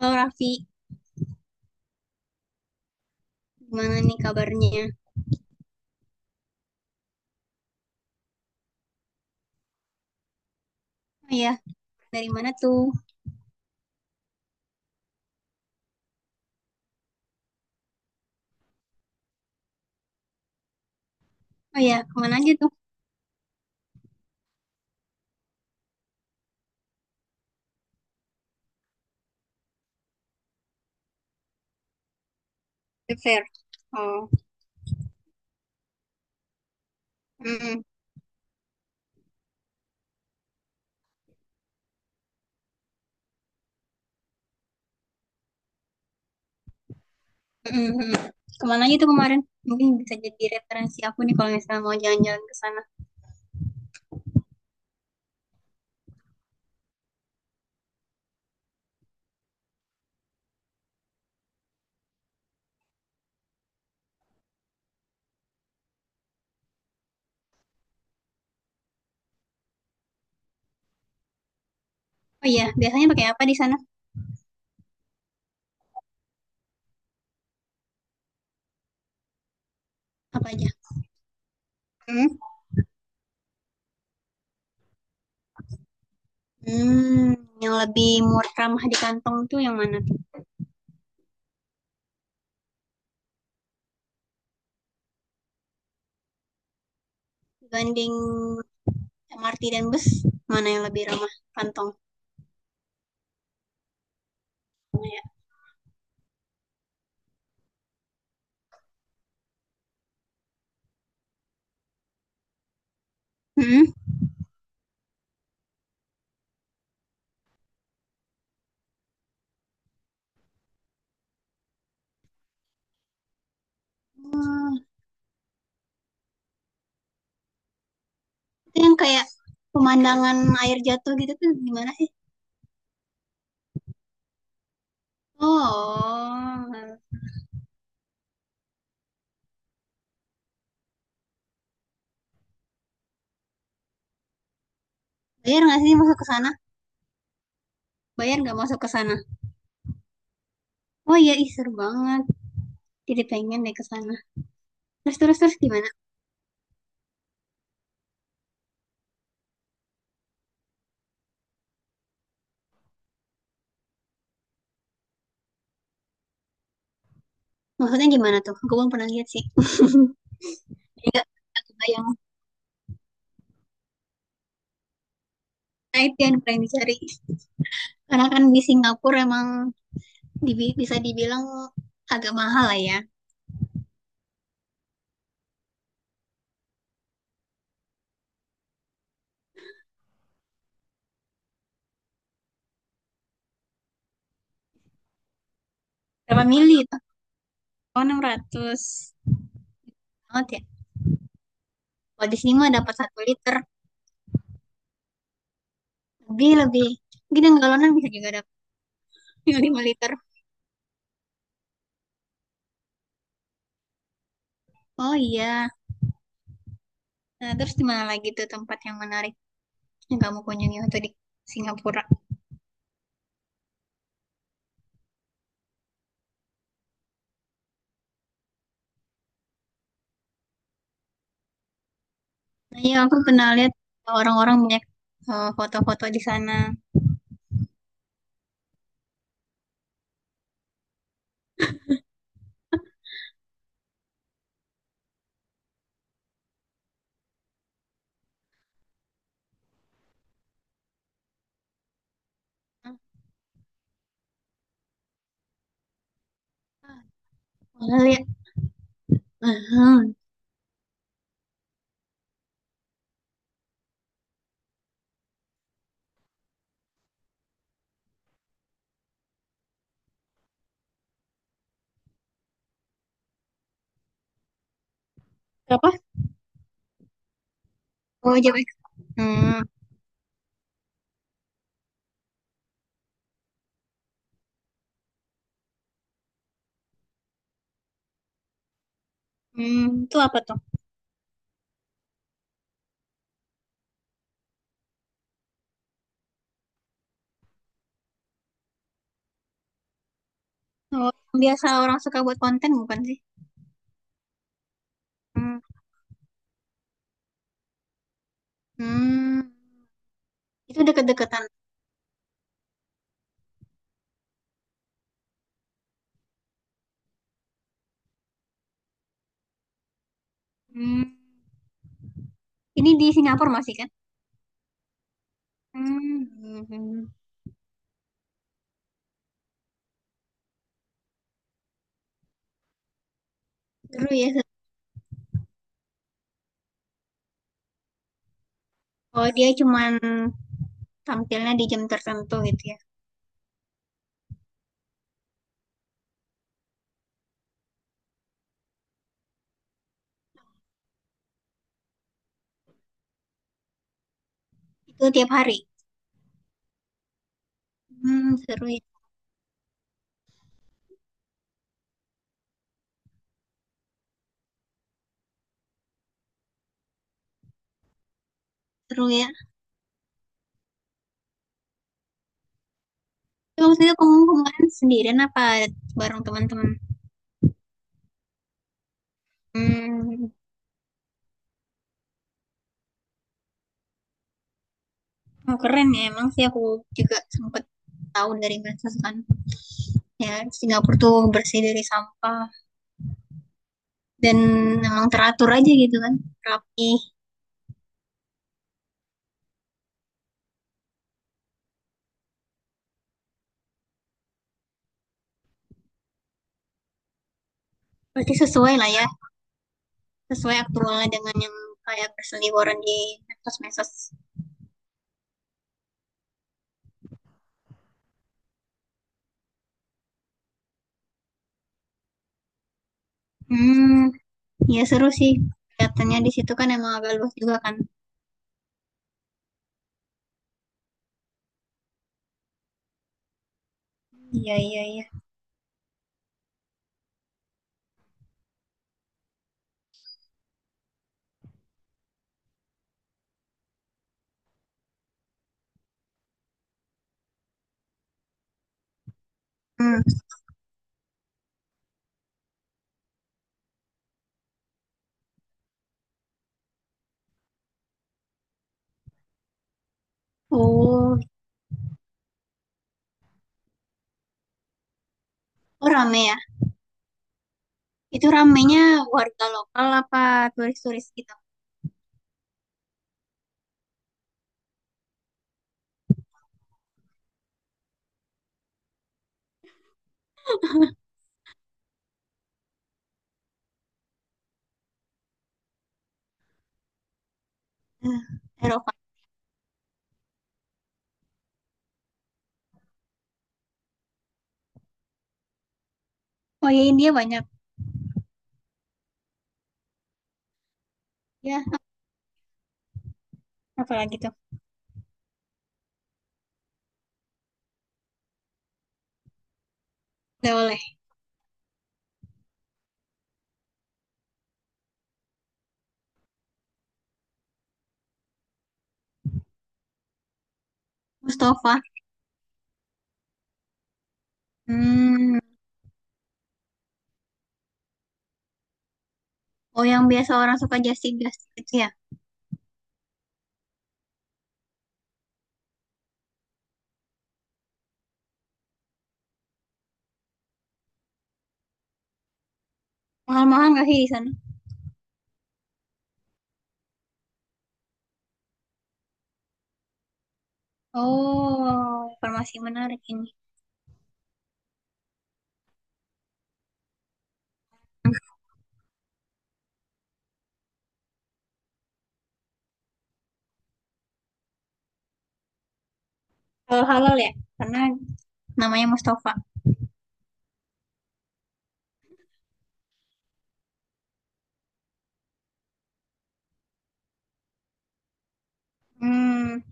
Halo Raffi, gimana nih kabarnya? Oh ya, dari mana tuh? Oh ya, kemana aja tuh? Fair. Oh, mm, mm, mm, mm. Kemana aja tuh kemarin? Mungkin bisa jadi referensi aku nih kalau misalnya mau jalan-jalan ke sana. Oh ya, biasanya pakai apa di sana? Apa aja? Hmm? Hmm, yang lebih murah ramah di kantong tuh yang mana tuh? Dibanding MRT dan bus, mana yang lebih ramah kantong? Hmm? Hmm, itu yang kayak pemandangan air jatuh gitu tuh gimana sih? Oh, bayar nggak sih masuk ke sana? Bayar nggak masuk ke sana? Oh iya, ih seru banget. Jadi pengen deh ke sana. Terus terus terus gimana? Maksudnya gimana tuh? Gue belum pernah lihat sih. Iya, aku bayang. Nah itu yang paling dicari. Karena kan di Singapura emang bisa dibilang agak mahal lah ya. Berapa mili itu? Oh 600 banget ya. Kalau di sini mah dapat satu liter. Lebih lebih. Mungkin yang galonan bisa juga dapat yang 5 liter. Oh iya. Nah, terus di mana lagi tuh tempat yang menarik yang kamu kunjungi waktu di Singapura? Nah, iya aku pernah lihat orang-orang banyak foto-foto di sana. Ah, pernah lihat. Hmm. Apa? Oh, Jawa. Hmm. Hmm, itu apa tuh? Oh, yang biasa orang suka buat konten bukan sih? Hmm. Hmm. Itu deket-deketan. Hmm. Ini di Singapura masih kan? Hmm. Hmm. Seru ya. Oh, dia cuman tampilnya di jam tertentu gitu ya. Itu tiap hari. Hmm, seru ya. Seru ya. Itu maksudnya kamu kemarin sendirian apa bareng teman-teman? Hmm. Oh, keren ya, emang sih aku juga sempat tahu dari medsos kan, ya Singapura tuh bersih dari sampah dan emang teratur aja gitu kan, rapi. Berarti sesuai lah ya, sesuai aktualnya dengan yang kayak berseliweran di medsos-medsos. Hmm, ya seru sih, kelihatannya di situ kan emang agak luas juga kan. Iya iya iya. Hmm. Oh, oh rame ya. Itu ramenya warga lokal apa turis-turis gitu? Eh, Eropa. Oh iya, India banyak ya. Apalagi gak boleh. Mustafa. Hmm. Oh, yang biasa orang suka Justin Justin itu ya? Mahal-mahal nggak sih di sana? Oh, informasi menarik ini. Kalau halal ya? Karena namanya Mustafa. Hmm.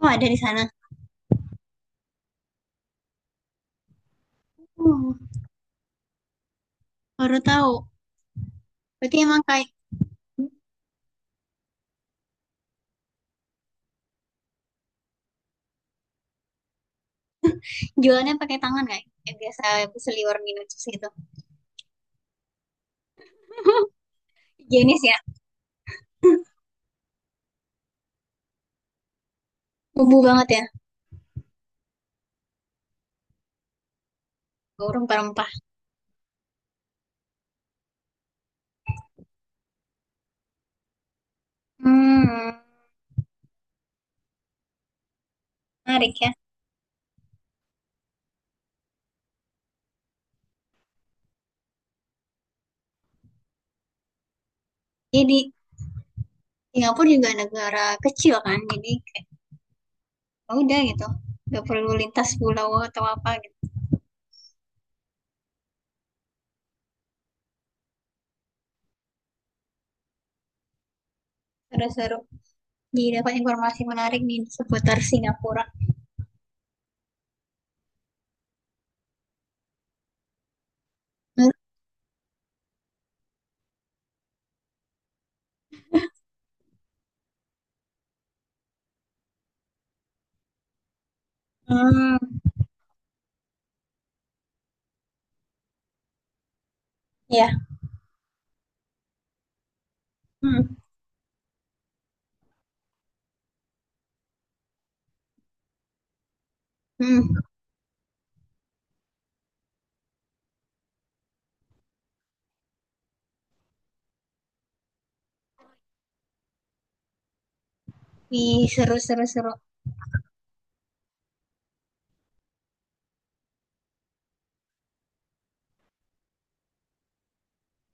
Oh, ada di sana. Oh, baru tahu. Berarti emang kayak jualannya pakai tangan kayak yang biasa seliwer minum jus gitu. Jenis ya. Bumbu banget ya. Bau rempah-rempah. Hmm. Menarik ya. Jadi Singapura juga negara kecil kan, jadi ya udah gitu nggak perlu lintas pulau atau apa gitu. Seru-seru, jadi dapat informasi menarik nih seputar Singapura. hmm, hmm, Ya. hmm, hmm. Wih, seru seru seru.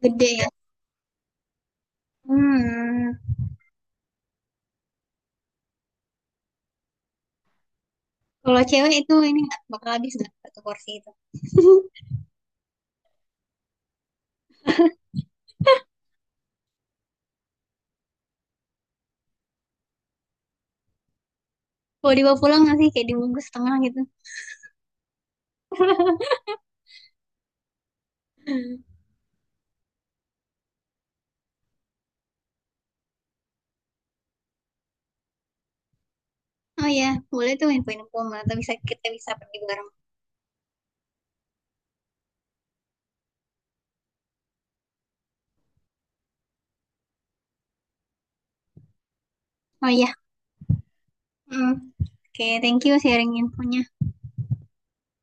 Gede ya. Hmm. Kalau cewek itu ini nggak bakal habis nggak satu porsi itu. Kalau dibawa pulang nggak sih, kayak dibungkus setengah gitu? Oh ya, boleh tuh info-info atau bisa kita bisa pergi bareng. Oh ya. Hmm. Oke, thank you sharing infonya.